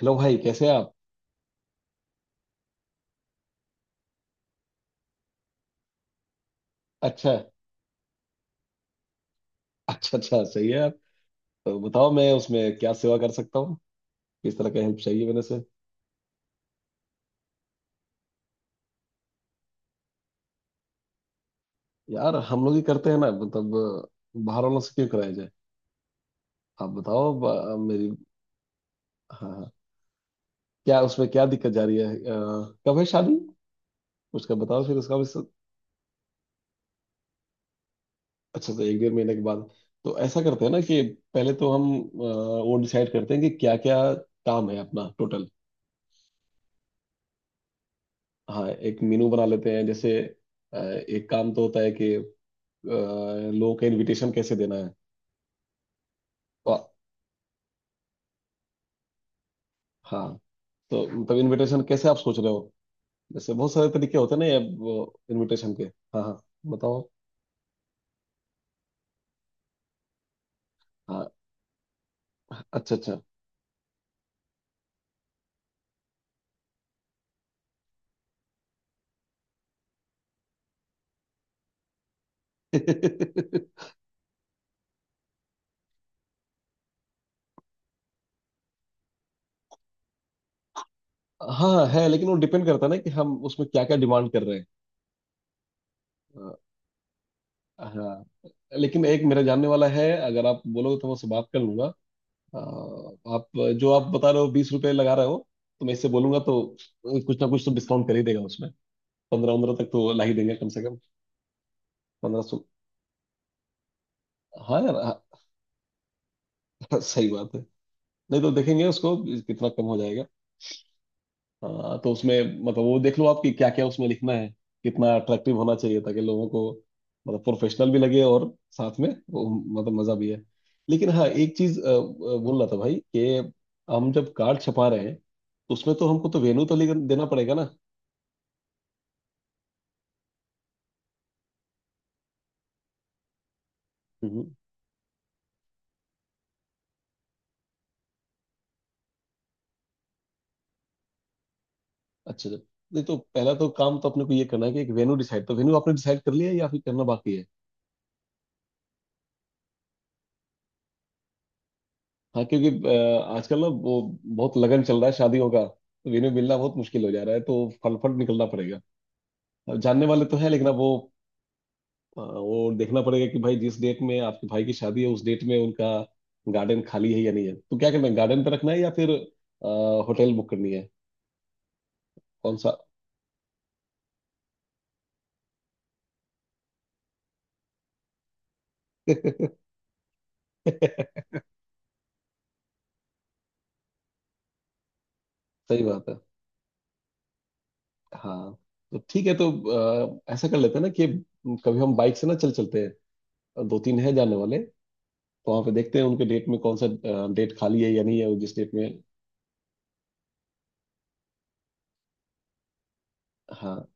Hello भाई, कैसे हैं आप? अच्छा। अच्छा अच्छा, सही है आप। तो बताओ मैं उसमें क्या सेवा कर सकता हूँ। किस तरह का हेल्प चाहिए मेरे से। यार, हम लोग ही करते हैं ना, मतलब। बाहर वालों से क्यों कराया जाए। आप बताओ, मेरी। हाँ, हाँ। क्या उसमें क्या दिक्कत जा रही है? कब है शादी? उसका बताओ, फिर उसका भी अच्छा, तो एक डेढ़ महीने के बाद। तो ऐसा करते हैं ना कि पहले तो हम वो डिसाइड करते हैं कि क्या क्या काम है अपना टोटल। हाँ, एक मेनू बना लेते हैं। जैसे एक काम तो होता है कि लोगों का इनविटेशन कैसे देना है। तो, हाँ। तो मतलब इनविटेशन कैसे आप सोच रहे हो? जैसे बहुत सारे तरीके होते हैं ना। इनविटेशन के। हाँ, हाँ, बताओ। हाँ, अच्छा अच्छा। हाँ, है, लेकिन वो डिपेंड करता है ना कि हम उसमें क्या क्या डिमांड कर रहे हैं। हाँ, लेकिन एक मेरा जानने वाला है। अगर आप बोलोगे तो मैं उससे बात कर लूंगा। अ, आप जो आप बता रहे हो 20 रुपए लगा रहे हो, तो मैं इससे बोलूंगा तो कुछ ना कुछ तो डिस्काउंट कर ही देगा उसमें। पंद्रह पंद्रह तक तो ला ही देंगे कम से कम। 1500। हाँ यार। हाँ, सही बात है। नहीं तो देखेंगे उसको, कितना कम हो जाएगा। हाँ, तो उसमें मतलब वो देख लो आपकी क्या क्या उसमें लिखना है। कितना अट्रैक्टिव होना चाहिए ताकि लोगों को मतलब प्रोफेशनल भी लगे, और साथ में वो, मतलब मजा भी है। लेकिन हाँ, एक चीज बोल रहा था भाई कि हम जब कार्ड छपा रहे हैं तो उसमें तो हमको तो वेन्यू तो लेकर देना पड़ेगा ना। हम्म। अच्छा अच्छा। नहीं तो पहला तो काम तो अपने को ये करना है कि एक वेन्यू डिसाइड। तो वेन्यू आपने डिसाइड कर लिया है या फिर करना बाकी है? हाँ, क्योंकि आजकल ना वो बहुत लगन चल रहा है शादियों का, तो इन्हें मिलना बहुत मुश्किल हो जा रहा है, तो फटाफट निकलना पड़ेगा। अब जानने वाले तो है, लेकिन अब वो वो देखना पड़ेगा कि भाई जिस डेट में आपके भाई की शादी है, उस डेट में उनका गार्डन खाली है या नहीं है। तो क्या करना है, गार्डन पे रखना है या फिर होटल बुक करनी है? कौन सा। सही बात है। हाँ, तो ठीक है। तो ऐसा कर लेते हैं ना कि कभी हम बाइक से ना चल चलते हैं। दो तीन है जाने वाले। तो वहाँ पे देखते हैं उनके डेट में कौन सा डेट खाली है या नहीं है, जिस डेट में। हाँ,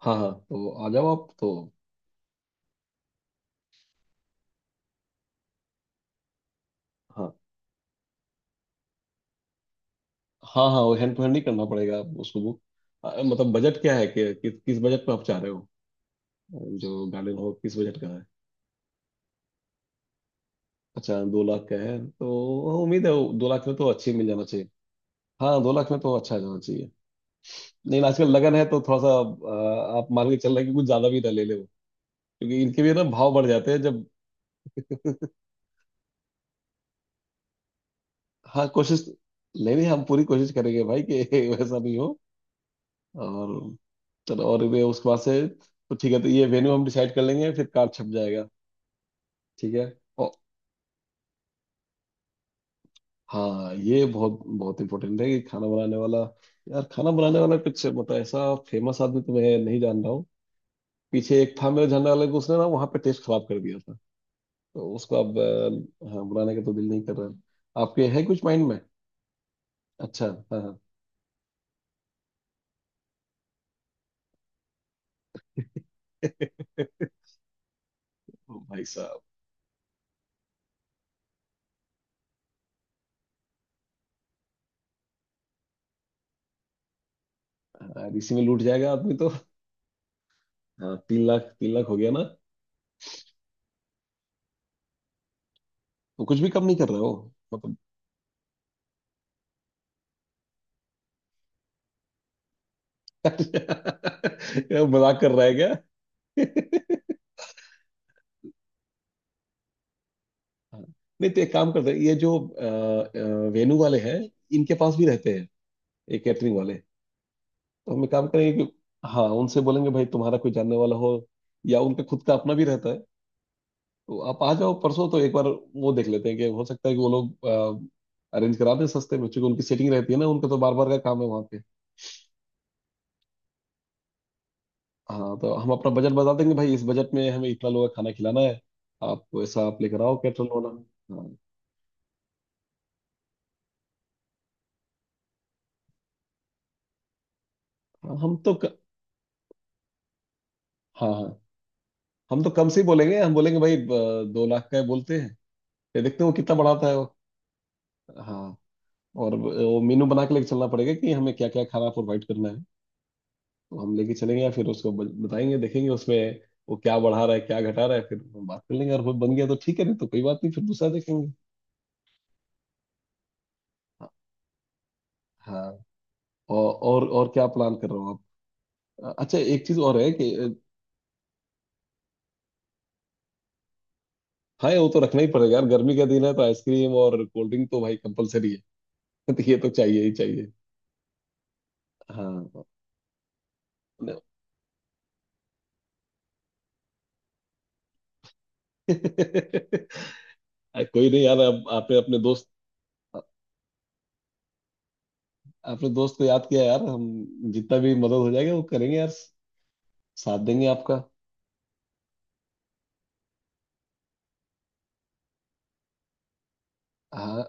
हाँ, हाँ, तो आ जाओ आप तो। हाँ, हाँ, हाँ, वो हैंड टू हैंड ही करना पड़ेगा उसको बुक। मतलब बजट क्या है कि किस बजट में आप चाह रहे हो? जो गार्डन हो, किस बजट का है? अच्छा, 2 लाख का है? तो उम्मीद है वो 2 लाख में तो अच्छी मिल जाना चाहिए। हाँ, 2 लाख में तो अच्छा जाना चाहिए। नहीं, आजकल लगन है तो थोड़ा सा आप मान के चल रहे हैं कि कुछ ज्यादा भी ना ले ले वो, क्योंकि इनके भी ना भाव बढ़ जाते हैं जब। हाँ, कोशिश, नहीं नहीं, हम पूरी कोशिश करेंगे भाई कि वैसा नहीं हो। और चलो, और ये उसके बाद से। तो ठीक है, तो ये वेन्यू हम डिसाइड कर लेंगे, फिर कार्ड छप जाएगा। ठीक है। और हाँ, ये बहुत बहुत इंपॉर्टेंट है कि खाना बनाने वाला। यार खाना बनाने वाला कुछ मतलब ऐसा फेमस आदमी तो मैं नहीं जान रहा हूँ। पीछे एक था मेरे जानने वाले को, उसने ना वहाँ पे टेस्ट खराब कर दिया था, तो उसको अब हाँ, बुलाने का तो दिल नहीं कर रहा है। आपके है कुछ माइंड में? अच्छा। हाँ, हाँ। ओ भाई साहब। हाँ, इसी में लूट जाएगा आदमी तो। हाँ, 3 लाख 3 लाख हो गया ना। तो कुछ भी कम नहीं कर रहे हो? मतलब। क्या मजाक कर रहा है क्या। नहीं तो एक काम करते हैं। ये जो वेनू वाले हैं इनके पास भी रहते हैं ये कैटरिंग वाले। तो हम एक काम करेंगे कि हाँ उनसे बोलेंगे भाई, तुम्हारा कोई जानने वाला हो या उनका खुद का अपना भी रहता है, तो आप आ जाओ परसों तो एक बार। वो देख लेते हैं कि हो सकता है कि वो लोग अरेंज करा दें सस्ते में, क्योंकि उनकी सेटिंग रहती है ना, उनका तो बार बार का काम है वहाँ पे। हाँ, तो हम अपना बजट बता देंगे भाई, इस बजट में हमें इतना लोगों का खाना खिलाना है। आप वैसा आप लेकर आओ कैटरल वाला। हाँ। हाँ, हम तो। हाँ, हाँ, हम तो कम से ही बोलेंगे। हम बोलेंगे भाई 2 लाख का है बोलते हैं, फिर देखते हैं वो कितना बढ़ाता है वो। हाँ। और वो मेनू बना के लेके चलना पड़ेगा कि हमें क्या क्या खाना प्रोवाइड करना है। तो हम लेके चलेंगे या फिर उसको बताएंगे, देखेंगे उसमें वो क्या बढ़ा रहा है, क्या घटा रहा है। फिर हम बात कर लेंगे और वो बन गया तो ठीक है, नहीं तो कोई बात नहीं, फिर दूसरा देखेंगे। हाँ। हाँ, और क्या प्लान कर रहे हो आप? अच्छा, एक चीज और है कि हाँ, वो तो रखना ही पड़ेगा यार, गर्मी का दिन है तो आइसक्रीम और कोल्ड ड्रिंक तो भाई कंपलसरी है। तो ये तो चाहिए ही चाहिए। हाँ। अरे कोई नहीं यार, अब आपने अपने दोस्त को याद किया यार। हम जितना भी मदद हो जाएगा वो करेंगे यार। साथ देंगे आपका। हाँ,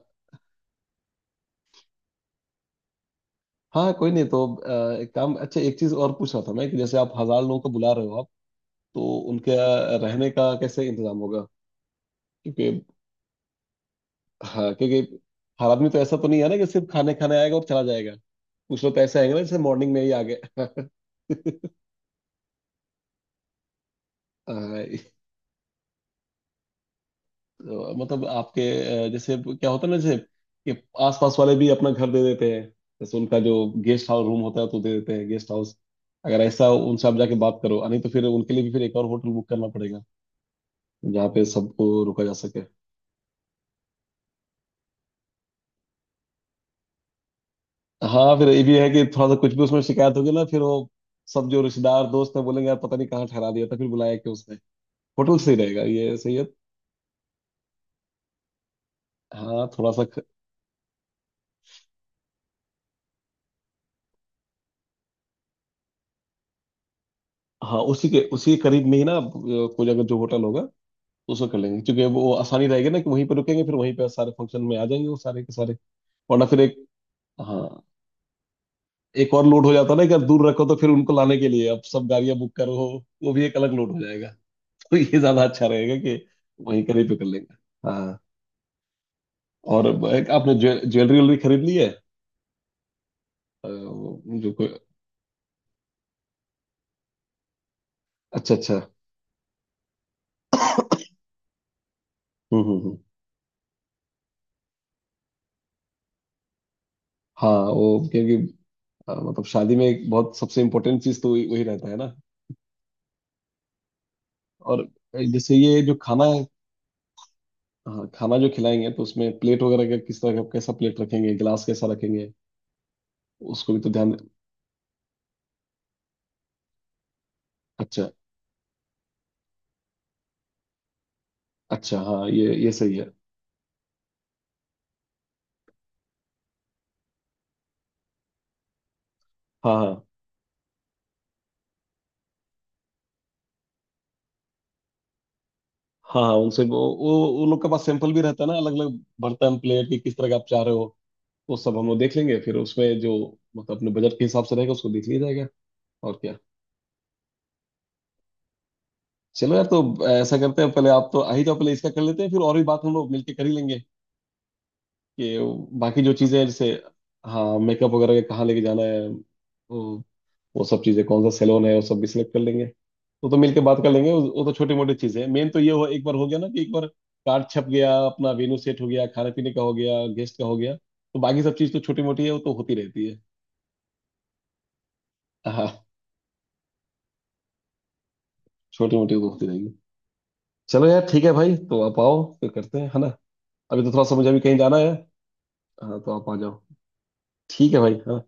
हाँ, कोई नहीं, तो एक काम। अच्छा, एक चीज और पूछ रहा था मैं कि जैसे आप 1000 लोगों को बुला रहे हो आप, तो उनके रहने का कैसे इंतजाम होगा? क्योंकि हाँ, क्योंकि हर आदमी तो ऐसा तो नहीं है ना कि सिर्फ खाने खाने आएगा और चला जाएगा। कुछ लोग तो ऐसे आएंगे ना, जैसे मॉर्निंग में ही आ गए। तो मतलब आपके जैसे क्या होता है ना, जैसे कि आसपास वाले भी अपना घर दे देते हैं। जैसे उनका जो गेस्ट हाउस रूम होता है तो दे देते हैं गेस्ट हाउस। अगर ऐसा उनसे आप जाके बात करो, नहीं तो फिर उनके लिए भी फिर एक और होटल बुक करना पड़ेगा जहाँ पे सबको रुका जा सके। हाँ, फिर ये भी है कि थोड़ा सा कुछ भी उसमें शिकायत होगी ना, फिर वो सब जो रिश्तेदार दोस्त है बोलेंगे यार पता नहीं कहाँ ठहरा दिया था, फिर बुलाया क्यों उसने। होटल सही रहेगा, ये सही है। हाँ, थोड़ा सा हाँ, उसी के करीब में ही ना कोई अगर जो होटल होगा उसको कर लेंगे, क्योंकि वो आसानी रहेगी ना कि वहीं पे रुकेंगे फिर वहीं पे सारे फंक्शन में आ जाएंगे वो सारे के सारे। वरना फिर एक, हाँ, एक और लोड हो जाता है ना कि अगर दूर रखो तो फिर उनको लाने के लिए अब सब गाड़ियां बुक करो, वो भी एक अलग लोड हो जाएगा। तो ये ज्यादा अच्छा रहेगा कि वहीं करीब पे कर लेंगे। हाँ। और एक आपने ज्वेलरी व्वेलरी खरीद ली है? वो जो कोई। अच्छा अच्छा। हम्म हम्म हम्म। हाँ, वो क्योंकि मतलब शादी में एक बहुत सबसे इम्पोर्टेंट चीज तो वही वही रहता है ना। और जैसे ये जो खाना, हाँ खाना जो खिलाएंगे तो उसमें प्लेट वगैरह का किस तरह का कैसा प्लेट रखेंगे, गिलास कैसा रखेंगे, उसको भी तो ध्यान। अच्छा अच्छा। हाँ, ये सही है। हाँ, हाँ, हाँ, हाँ, उनसे वो लोग के पास सैंपल भी रहता है ना अलग अलग बर्तन प्लेट की किस तरह का आप चाह रहे हो। वो सब हम लोग देख लेंगे फिर उसमें जो मतलब अपने बजट के हिसाब से रहेगा उसको देख लिया जाएगा। और क्या। चलो यार, तो ऐसा करते हैं पहले आप तो आ ही जाओ, पहले इसका कर लेते हैं, फिर और भी बात हम लोग मिलके कर ही लेंगे कि बाकी जो चीज़ें हैं, जैसे हाँ मेकअप वगैरह का कहाँ लेके जाना है, वो सब चीजें, कौन सा सैलून है, वो सब भी सिलेक्ट कर लेंगे। वो तो मिलके बात कर लेंगे। वो तो छोटी मोटी चीजें हैं, मेन तो ये। हो एक बार हो गया ना कि एक बार कार्ड छप गया, अपना वेन्यू सेट हो गया, खाने पीने का हो गया, गेस्ट का हो गया, तो बाकी सब चीज तो छोटी मोटी है, वो तो होती रहती है। हाँ, छोटी मोटी तो होती रहेगी। चलो यार ठीक है भाई, तो आप आओ फिर करते हैं, है ना। अभी तो थोड़ा सा मुझे अभी कहीं जाना है। हाँ, तो आप आ जाओ। ठीक है भाई। हाँ,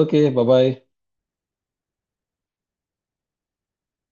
ओके, बाय बाय।